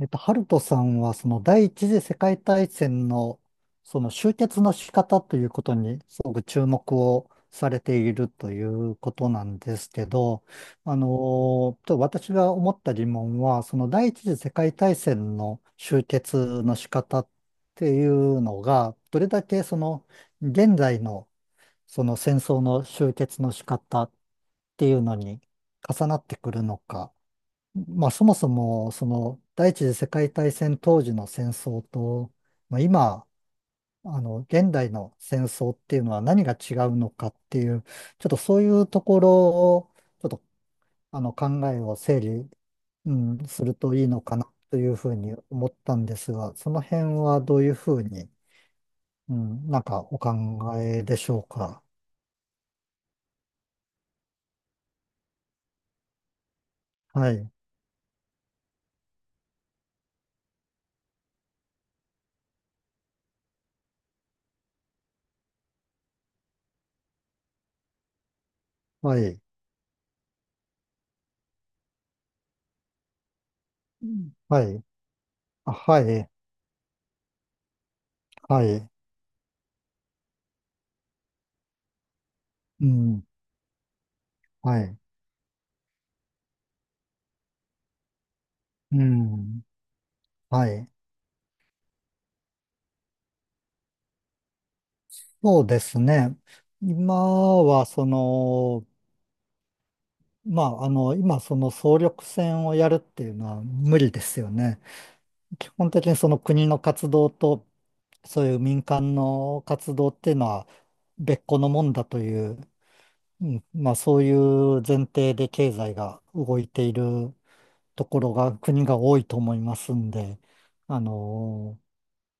ハルトさんは、その第一次世界大戦の、その終結の仕方ということに、すごく注目をされているということなんですけど、ちょっと私が思った疑問は、その第一次世界大戦の終結の仕方っていうのが、どれだけ現在のその戦争の終結の仕方っていうのに重なってくるのか、まあ、そもそも、第一次世界大戦当時の戦争と、まあ、今、現代の戦争っていうのは何が違うのかっていう、ちょっとそういうところを、ちょっと、あの、考えを整理、うん、するといいのかなというふうに思ったんですが、その辺はどういうふうに、うん、なんかお考えでしょうか。はい、はい、うんはい、あはい、はい、うん、はい、うん、はい。そうですね。今は、その、まあ、あの、今、その総力戦をやるっていうのは無理ですよね。基本的にその国の活動と、そういう民間の活動っていうのは別個のもんだという、うん、まあ、そういう前提で経済が動いているところが、国が多いと思いますんで、あの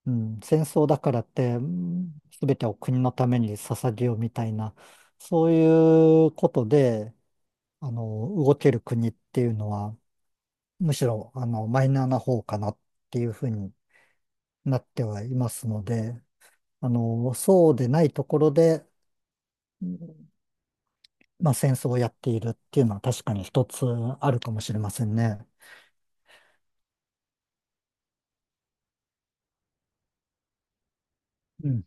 うん、戦争だからって、全てを国のために捧げようみたいな、そういうことで、あの、動ける国っていうのは、むしろ、マイナーな方かなっていうふうになってはいますので、そうでないところで、うんまあ、戦争をやっているっていうのは確かに一つあるかもしれませんね。うん。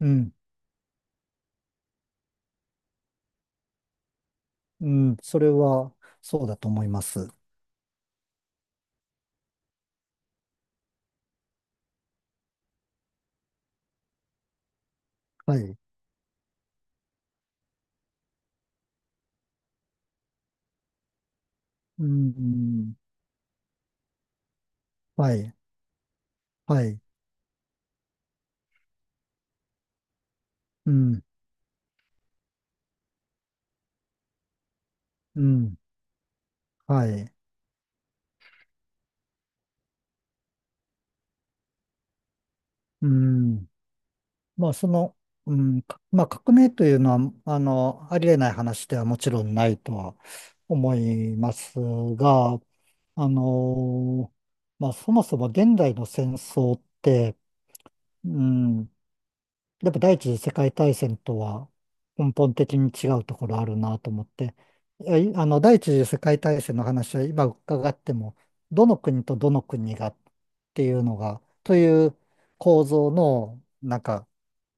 うん。うん。それは、そうだと思います。はい。うん。はい。はい。うん。うん、はい。うん、まあ、その、うん、まあ、革命というのは、ありえない話ではもちろんないとは思いますが、あの、まあ、そもそも現代の戦争って、うん、やっぱ第一次世界大戦とは根本的に違うところあるなと思って、いやいあの、第一次世界大戦の話は今伺っても、どの国とどの国がっていうのが、という構造の、なんか、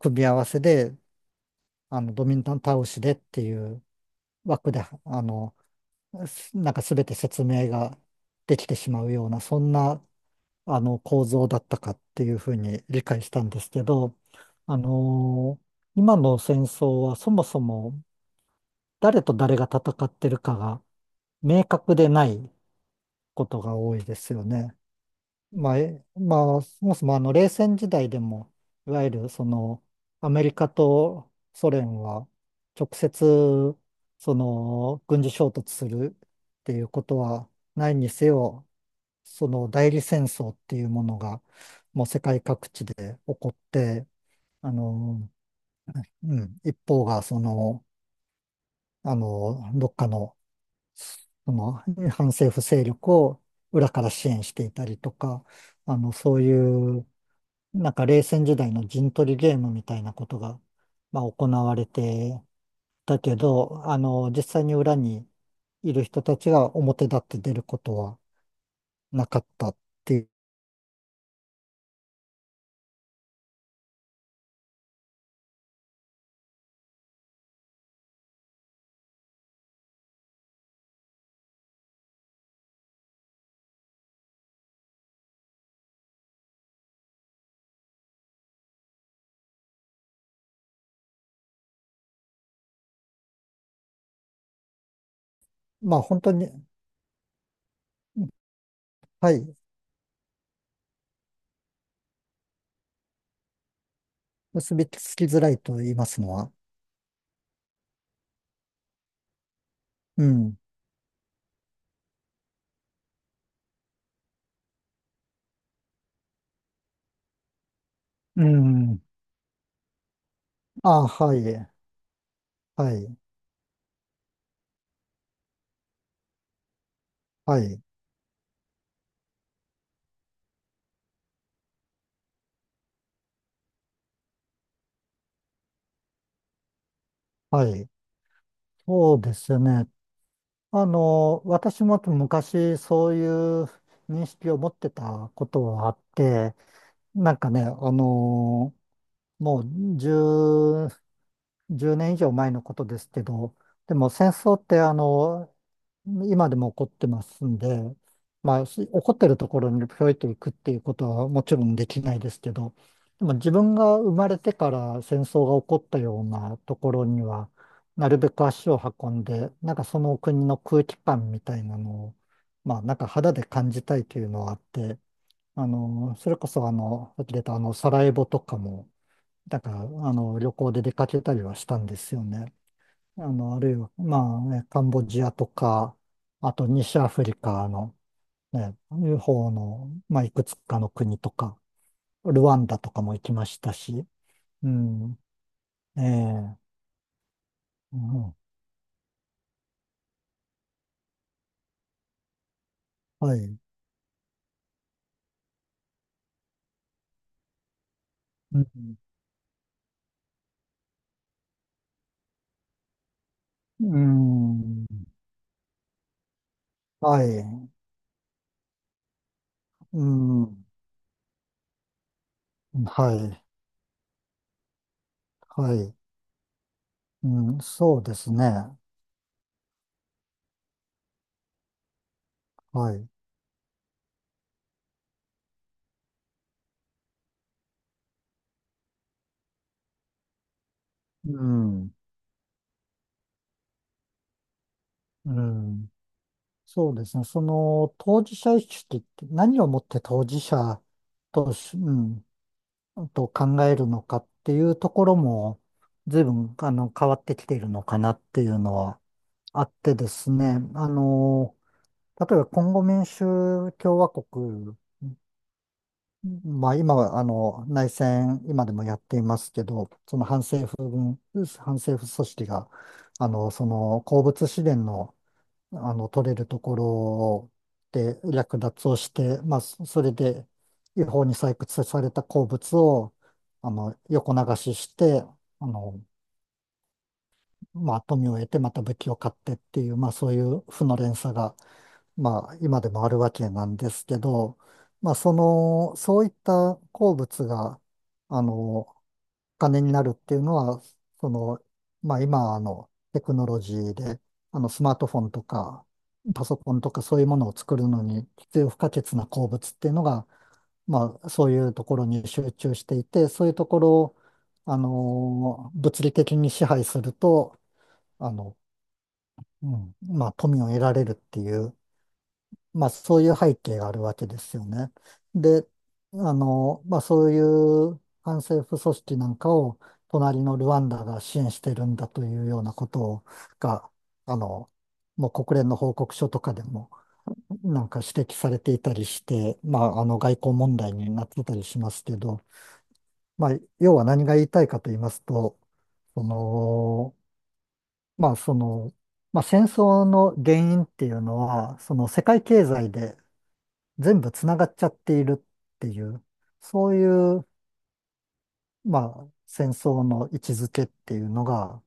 組み合わせで、ドミニカン倒しでっていう枠で、なんか全て説明ができてしまうような、そんな構造だったかっていうふうに理解したんですけど、今の戦争はそもそも誰と誰が戦ってるかが明確でないことが多いですよね。まあ、そもそも冷戦時代でも、いわゆるそのアメリカとソ連は直接その軍事衝突するっていうことはないにせよ、その代理戦争っていうものが、もう世界各地で起こって、あの、うん、一方がどっかの、その反政府勢力を裏から支援していたりとか、そういう、なんか冷戦時代の陣取りゲームみたいなことが、まあ、行われてたけど、実際に裏にいる人たちが表立って出ることはなかったっていう、まあ、本当に、はい。結びつきづらいと言いますのは。うん。うん。あ、はい。はい。はい。はい。そうですよね。私も昔そういう認識を持ってたことはあって、なんかね、もう10年以上前のことですけど、でも戦争って今でも起こってますんで、まあ、起こってるところにぴょいと行くっていうことはもちろんできないですけど、でも自分が生まれてから戦争が起こったようなところには、なるべく足を運んで、なんかその国の空気感みたいなのを、まあなんか肌で感じたいというのはあって、それこそさっき出たサラエボとかも、だから、旅行で出かけたりはしたんですよね。あるいは、まあ、ねカンボジアとか、あと西アフリカのね、方の、まあ、いくつかの国とか、ルワンダとかも行きましたし、うん、ええ、うん、はい、うん、うんはい、うん、はい、はい、うん、そうですね、はい、うん、うん。そうですね。その当事者意識って何をもって当事者とし、と考えるのかっていうところも随分変わってきているのかなっていうのはあってですね。例えばコンゴ民主共和国、まあ今は内戦今でもやっていますけど、その反政府軍、反政府組織がその鉱物資源の取れるところで略奪をして、まあ、それで違法に採掘された鉱物を、横流しして、あの、まあ、富を得てまた武器を買ってっていう、まあ、そういう負の連鎖が、まあ、今でもあるわけなんですけど、まあ、その、そういった鉱物が、あの、金になるっていうのは、その、まあ今テクノロジーで、スマートフォンとかパソコンとかそういうものを作るのに必要不可欠な鉱物っていうのが、まあそういうところに集中していて、そういうところを、物理的に支配すると、あの、うん、まあ富を得られるっていう、まあそういう背景があるわけですよね。で、まあそういう反政府組織なんかを隣のルワンダが支援してるんだというようなことをが、あの、もう国連の報告書とかでもなんか指摘されていたりして、まあ外交問題になってたりしますけど、まあ要は何が言いたいかと言いますと、その、まあその、まあ戦争の原因っていうのは、その世界経済で全部つながっちゃっているっていう、そういう、まあ、戦争の位置づけっていうのが、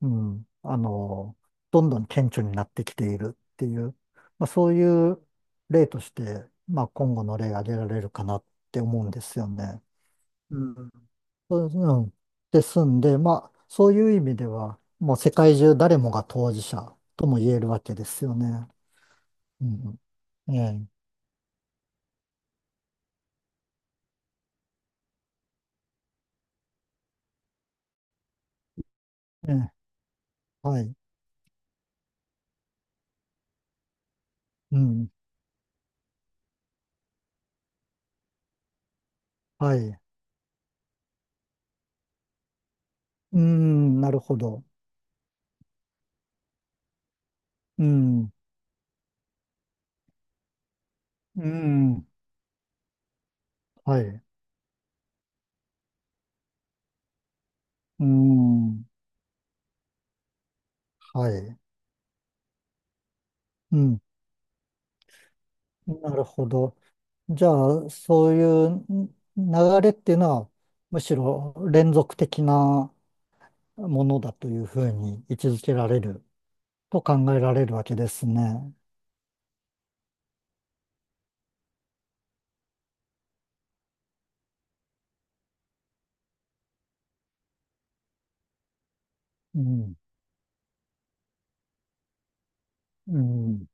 うん、あの、どんどん顕著になってきているっていう、まあ、そういう例として、まあ、今後の例挙げられるかなって思うんですよね。うん。そうですんで、まあ、そういう意味では、もう世界中誰もが当事者とも言えるわけですよね。うん。ええ。ええ。はい。うん。はい。うん、なるほど。うん、うん、はい、うん、はい、うん、なるほど。じゃあ、そういう流れっていうのは、むしろ連続的なものだというふうに位置づけられると考えられるわけですね。うん、うん。